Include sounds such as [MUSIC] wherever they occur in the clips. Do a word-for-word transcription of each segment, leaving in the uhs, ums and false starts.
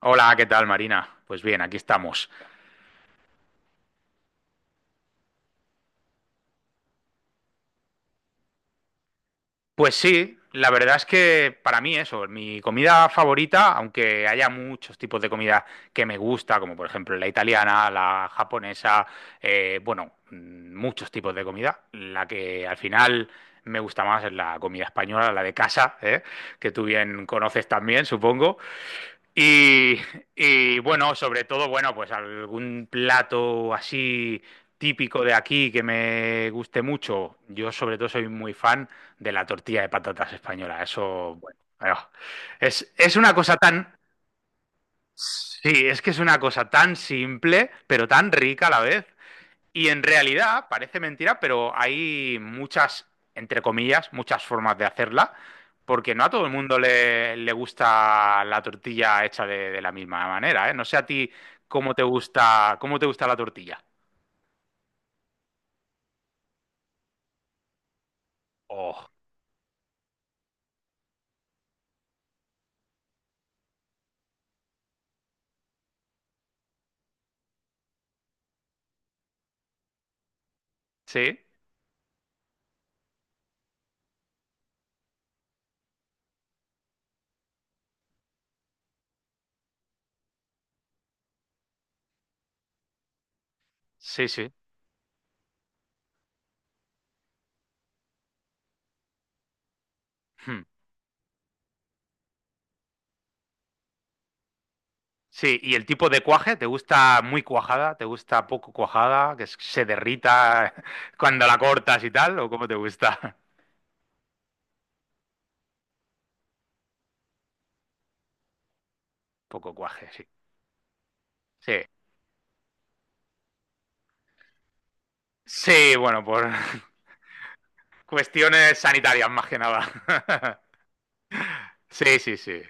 Hola, ¿qué tal, Marina? Pues bien, aquí estamos. Pues sí, la verdad es que para mí eso, mi comida favorita, aunque haya muchos tipos de comida que me gusta, como por ejemplo la italiana, la japonesa, eh, bueno, mm, muchos tipos de comida, la que al final me gusta más es la comida española, la de casa, ¿eh? Que tú bien conoces también, supongo. Y, y, bueno, sobre todo, bueno, pues algún plato así típico de aquí que me guste mucho. Yo sobre todo soy muy fan de la tortilla de patatas española. Eso, bueno, ah, es, es una cosa tan, sí, es que es una cosa tan simple, pero tan rica a la vez. Y en realidad, parece mentira, pero hay muchas, entre comillas, muchas formas de hacerla, porque no a todo el mundo le, le gusta la tortilla hecha de, de la misma manera, ¿eh? No sé a ti cómo te gusta, cómo te gusta la tortilla. Oh, sí, sí, sí. Hmm. Sí, y el tipo de cuaje, ¿te gusta muy cuajada? ¿Te gusta poco cuajada? ¿Que se derrita [LAUGHS] cuando la cortas y tal? ¿O cómo te gusta? [LAUGHS] Poco cuaje, sí. Sí. Sí, bueno, por [LAUGHS] cuestiones sanitarias, más que nada. [LAUGHS] Sí, sí, sí.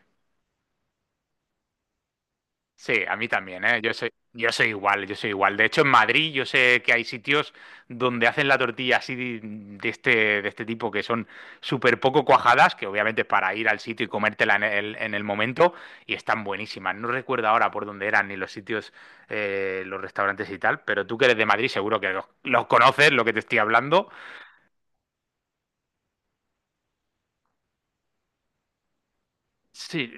Sí, a mí también, ¿eh? Yo soy, yo soy igual, yo soy igual. De hecho, en Madrid yo sé que hay sitios donde hacen la tortilla así de de este, de este tipo que son súper poco cuajadas, que obviamente es para ir al sitio y comértela en el, en el momento, y están buenísimas. No recuerdo ahora por dónde eran ni los sitios, eh, los restaurantes y tal, pero tú que eres de Madrid seguro que los, los conoces, lo que te estoy hablando. Sí,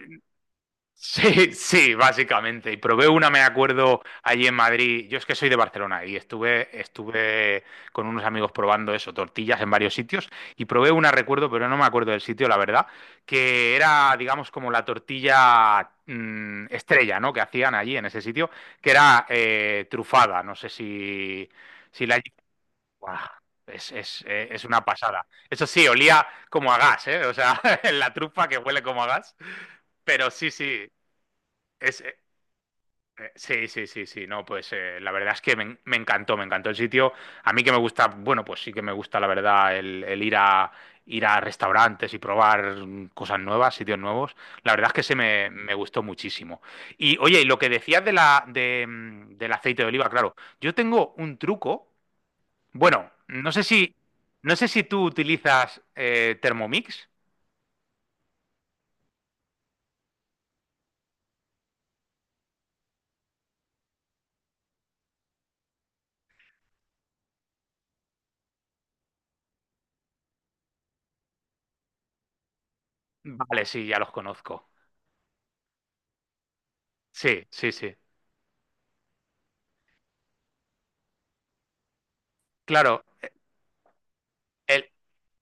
sí, sí, básicamente. Y probé una, me acuerdo, allí en Madrid. Yo es que soy de Barcelona y estuve, estuve con unos amigos probando eso, tortillas en varios sitios. Y probé una, recuerdo, pero no me acuerdo del sitio, la verdad, que era, digamos, como la tortilla mm, estrella, ¿no? Que hacían allí en ese sitio, que era eh, trufada. No sé si, si la... Buah, Es, es, eh, es una pasada. Eso sí, olía como a gas, ¿eh? O sea, [LAUGHS] la trufa que huele como a gas. Pero sí, sí. Es, eh, eh, sí, sí, sí, sí, no, pues eh, la verdad es que me, en- me encantó, me encantó el sitio. A mí que me gusta, bueno, pues sí que me gusta, la verdad, el, el ir a, ir a restaurantes y probar mm, cosas nuevas, sitios nuevos. La verdad es que se me, me gustó muchísimo. Y oye, y lo que decías de la, de, mm, del aceite de oliva, claro, yo tengo un truco. Bueno, no sé si, no sé si tú utilizas eh, Thermomix. Vale, sí, ya los conozco. Sí, sí, sí. Claro, el,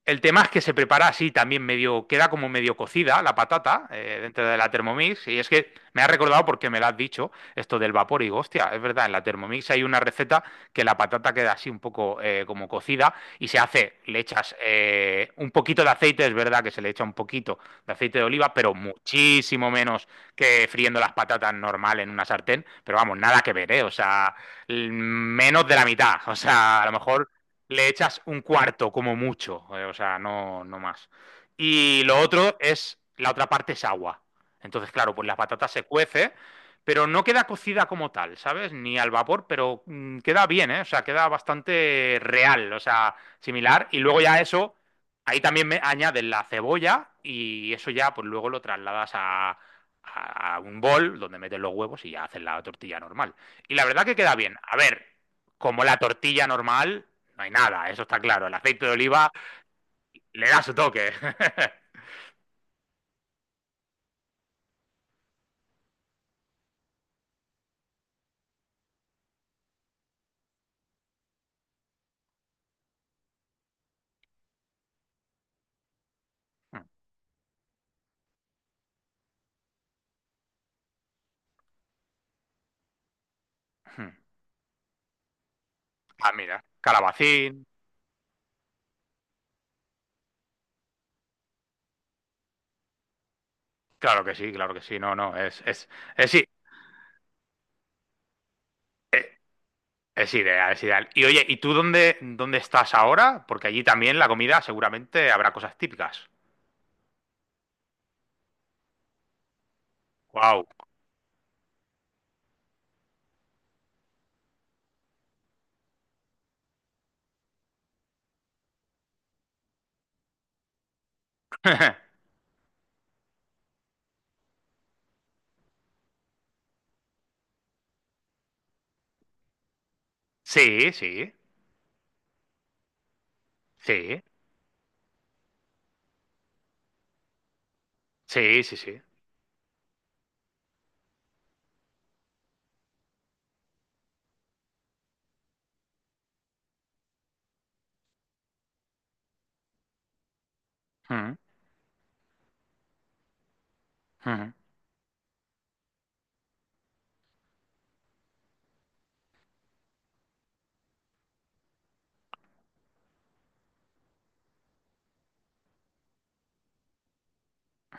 El tema es que se prepara así también medio, queda como medio cocida la patata eh, dentro de la Thermomix. Y es que me ha recordado porque me lo has dicho, esto del vapor. Y digo, hostia, es verdad, en la Thermomix hay una receta que la patata queda así un poco eh, como cocida y se hace, le echas eh, un poquito de aceite, es verdad que se le echa un poquito de aceite de oliva, pero muchísimo menos que friendo las patatas normal en una sartén. Pero vamos, nada que ver, ¿eh? O sea, l- menos de la mitad. O sea, a lo mejor le echas un cuarto como mucho, eh, o sea, no, no más. Y lo otro es, la otra parte es agua. Entonces, claro, pues la patata se cuece, pero no queda cocida como tal, ¿sabes? Ni al vapor, pero mm, queda bien, ¿eh? O sea, queda bastante real, o sea, similar. Y luego ya eso, ahí también me añades la cebolla y eso ya, pues luego lo trasladas a, a un bol donde metes los huevos y ya haces la tortilla normal. Y la verdad que queda bien. A ver, como la tortilla normal, no hay nada, eso está claro. El aceite de oliva le da su toque. [LAUGHS] Ah, mira, calabacín. Claro que sí, claro que sí. No, no, es, es, es, es, es ideal, es ideal. Y oye, ¿y tú dónde, dónde estás ahora? Porque allí también la comida seguramente habrá cosas típicas. Wow. [LAUGHS] Sí, sí, sí, sí, sí, sí. Mm, mm,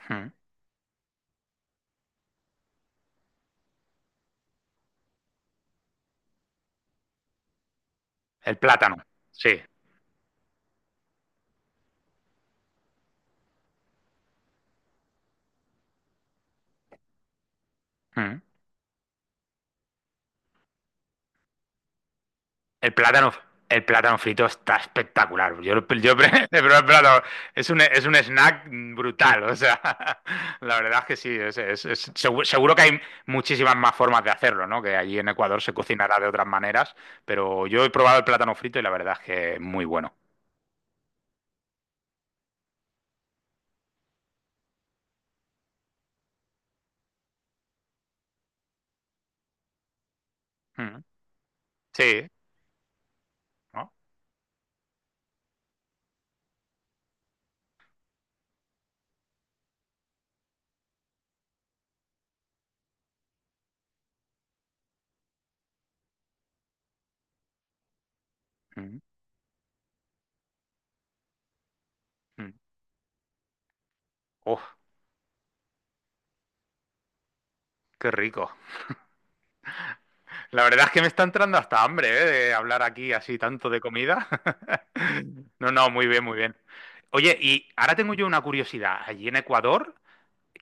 mm. El plátano, sí. Mm. El plátano, el plátano frito está espectacular. Yo, lo- yo pre- [LAUGHS] he probado el plátano. Es un, es un snack brutal. O sea, [LAUGHS] la verdad es que sí. es- es- es- segu- seguro, que hay muchísimas más formas de hacerlo, ¿no? Que allí en Ecuador se cocinará de otras maneras. Pero yo he probado el plátano frito y la verdad es que es muy bueno. Mm. Sí, ¿no? Mm, mm. Uf, qué rico. La verdad es que me está entrando hasta hambre, ¿eh? De hablar aquí así tanto de comida. [LAUGHS] No, no, muy bien, muy bien. Oye, y ahora tengo yo una curiosidad. Allí en Ecuador,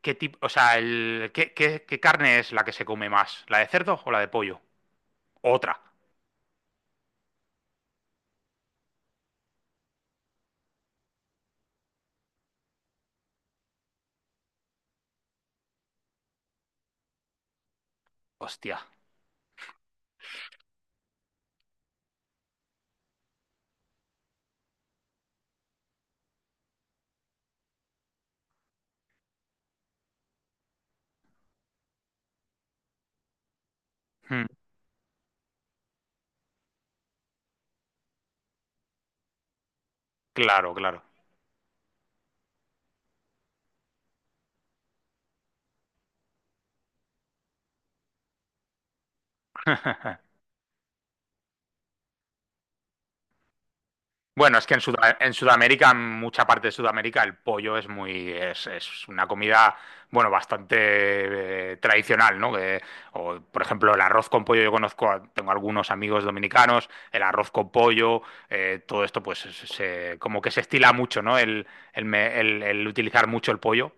¿qué tipo, o sea, el, ¿qué, qué- qué carne es la que se come más? ¿La de cerdo o la de pollo? Otra. Hostia. Mm, claro, claro. [LAUGHS] Bueno, es que en, Suda- en Sudamérica, en mucha parte de Sudamérica, el pollo es muy, es, es una comida, bueno, bastante eh, tradicional, ¿no? Que- o, por ejemplo, el arroz con pollo, yo conozco, a- tengo algunos amigos dominicanos, el arroz con pollo, eh, todo esto, pues, se- se- como que se estila mucho, ¿no? El, el, me- el- el utilizar mucho el pollo.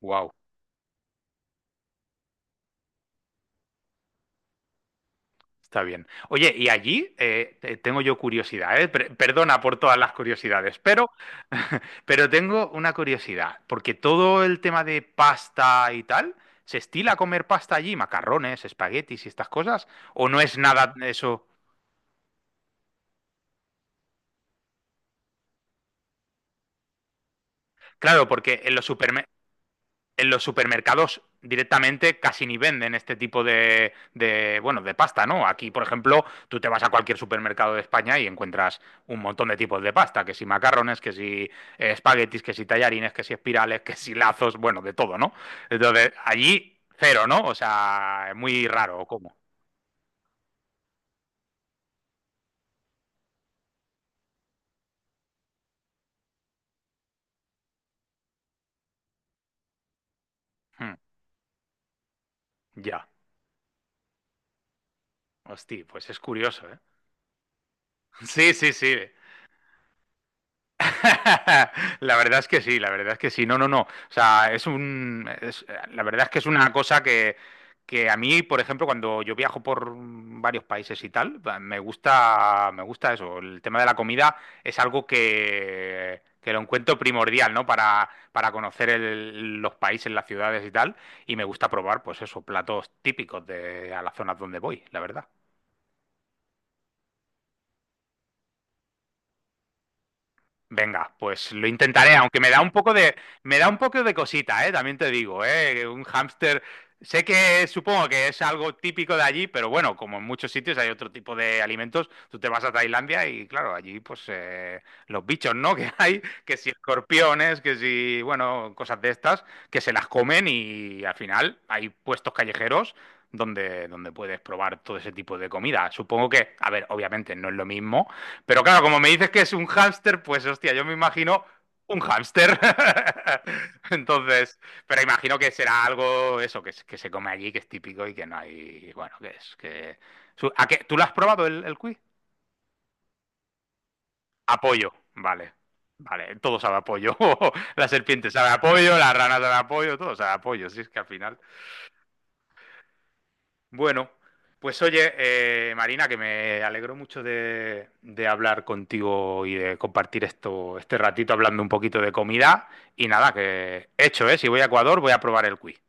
Guau. Está bien. Oye, y allí eh, te- tengo yo curiosidad, ¿eh? Per- perdona por todas las curiosidades, pero, [LAUGHS] pero tengo una curiosidad, porque todo el tema de pasta y tal, ¿se estila comer pasta allí? Macarrones, espaguetis y estas cosas, ¿o no es nada eso? Claro, porque en los supermercados en los supermercados directamente casi ni venden este tipo de, de, bueno, de pasta, ¿no? Aquí, por ejemplo, tú te vas a cualquier supermercado de España y encuentras un montón de tipos de pasta, que si macarrones, que si eh, espaguetis, que si tallarines, que si espirales, que si lazos, bueno, de todo, ¿no? Entonces, allí cero, ¿no? O sea, es muy raro, ¿cómo? Hmm, ya, hostia, pues es curioso, ¿eh? [LAUGHS] Sí, sí, sí. [LAUGHS] La verdad es que sí, la verdad es que sí. No, no, no. O sea, es un. es- la verdad es que es una cosa que, que a mí, por ejemplo, cuando yo viajo por varios países y tal, me gusta, me gusta eso. El tema de la comida es algo que, que lo encuentro primordial, ¿no? Para, para conocer el- los países, las ciudades y tal. Y me gusta probar, pues eso, platos típicos de a las zonas donde voy, la verdad. Venga, pues lo intentaré, aunque me da un poco de, me da un poco de cosita, ¿eh? También te digo, ¿eh? Un hámster, sé que supongo que es algo típico de allí, pero bueno, como en muchos sitios hay otro tipo de alimentos, tú te vas a Tailandia y claro, allí pues eh, los bichos, ¿no? [LAUGHS] Que hay, que si escorpiones, que si, bueno, cosas de estas, que se las comen y al final hay puestos callejeros donde, donde puedes probar todo ese tipo de comida. Supongo que, a ver, obviamente no es lo mismo, pero claro, como me dices que es un hámster, pues hostia, yo me imagino un hámster. [LAUGHS] Entonces, pero imagino que será algo eso, que, es- que se come allí, que es típico y que no hay, bueno, que es que... su- ¿A qué? ¿Tú lo has probado el, el cuy? Apoyo, vale. Vale, todo sabe apoyo. [LAUGHS] La serpiente sabe apoyo, la rana sabe apoyo, todo sabe apoyo. Si es que al final... Bueno, pues oye, eh, Marina, que me alegro mucho de, de hablar contigo y de compartir esto, este ratito hablando un poquito de comida. Y nada, que hecho, ¿eh? Si voy a Ecuador, voy a probar el quiz.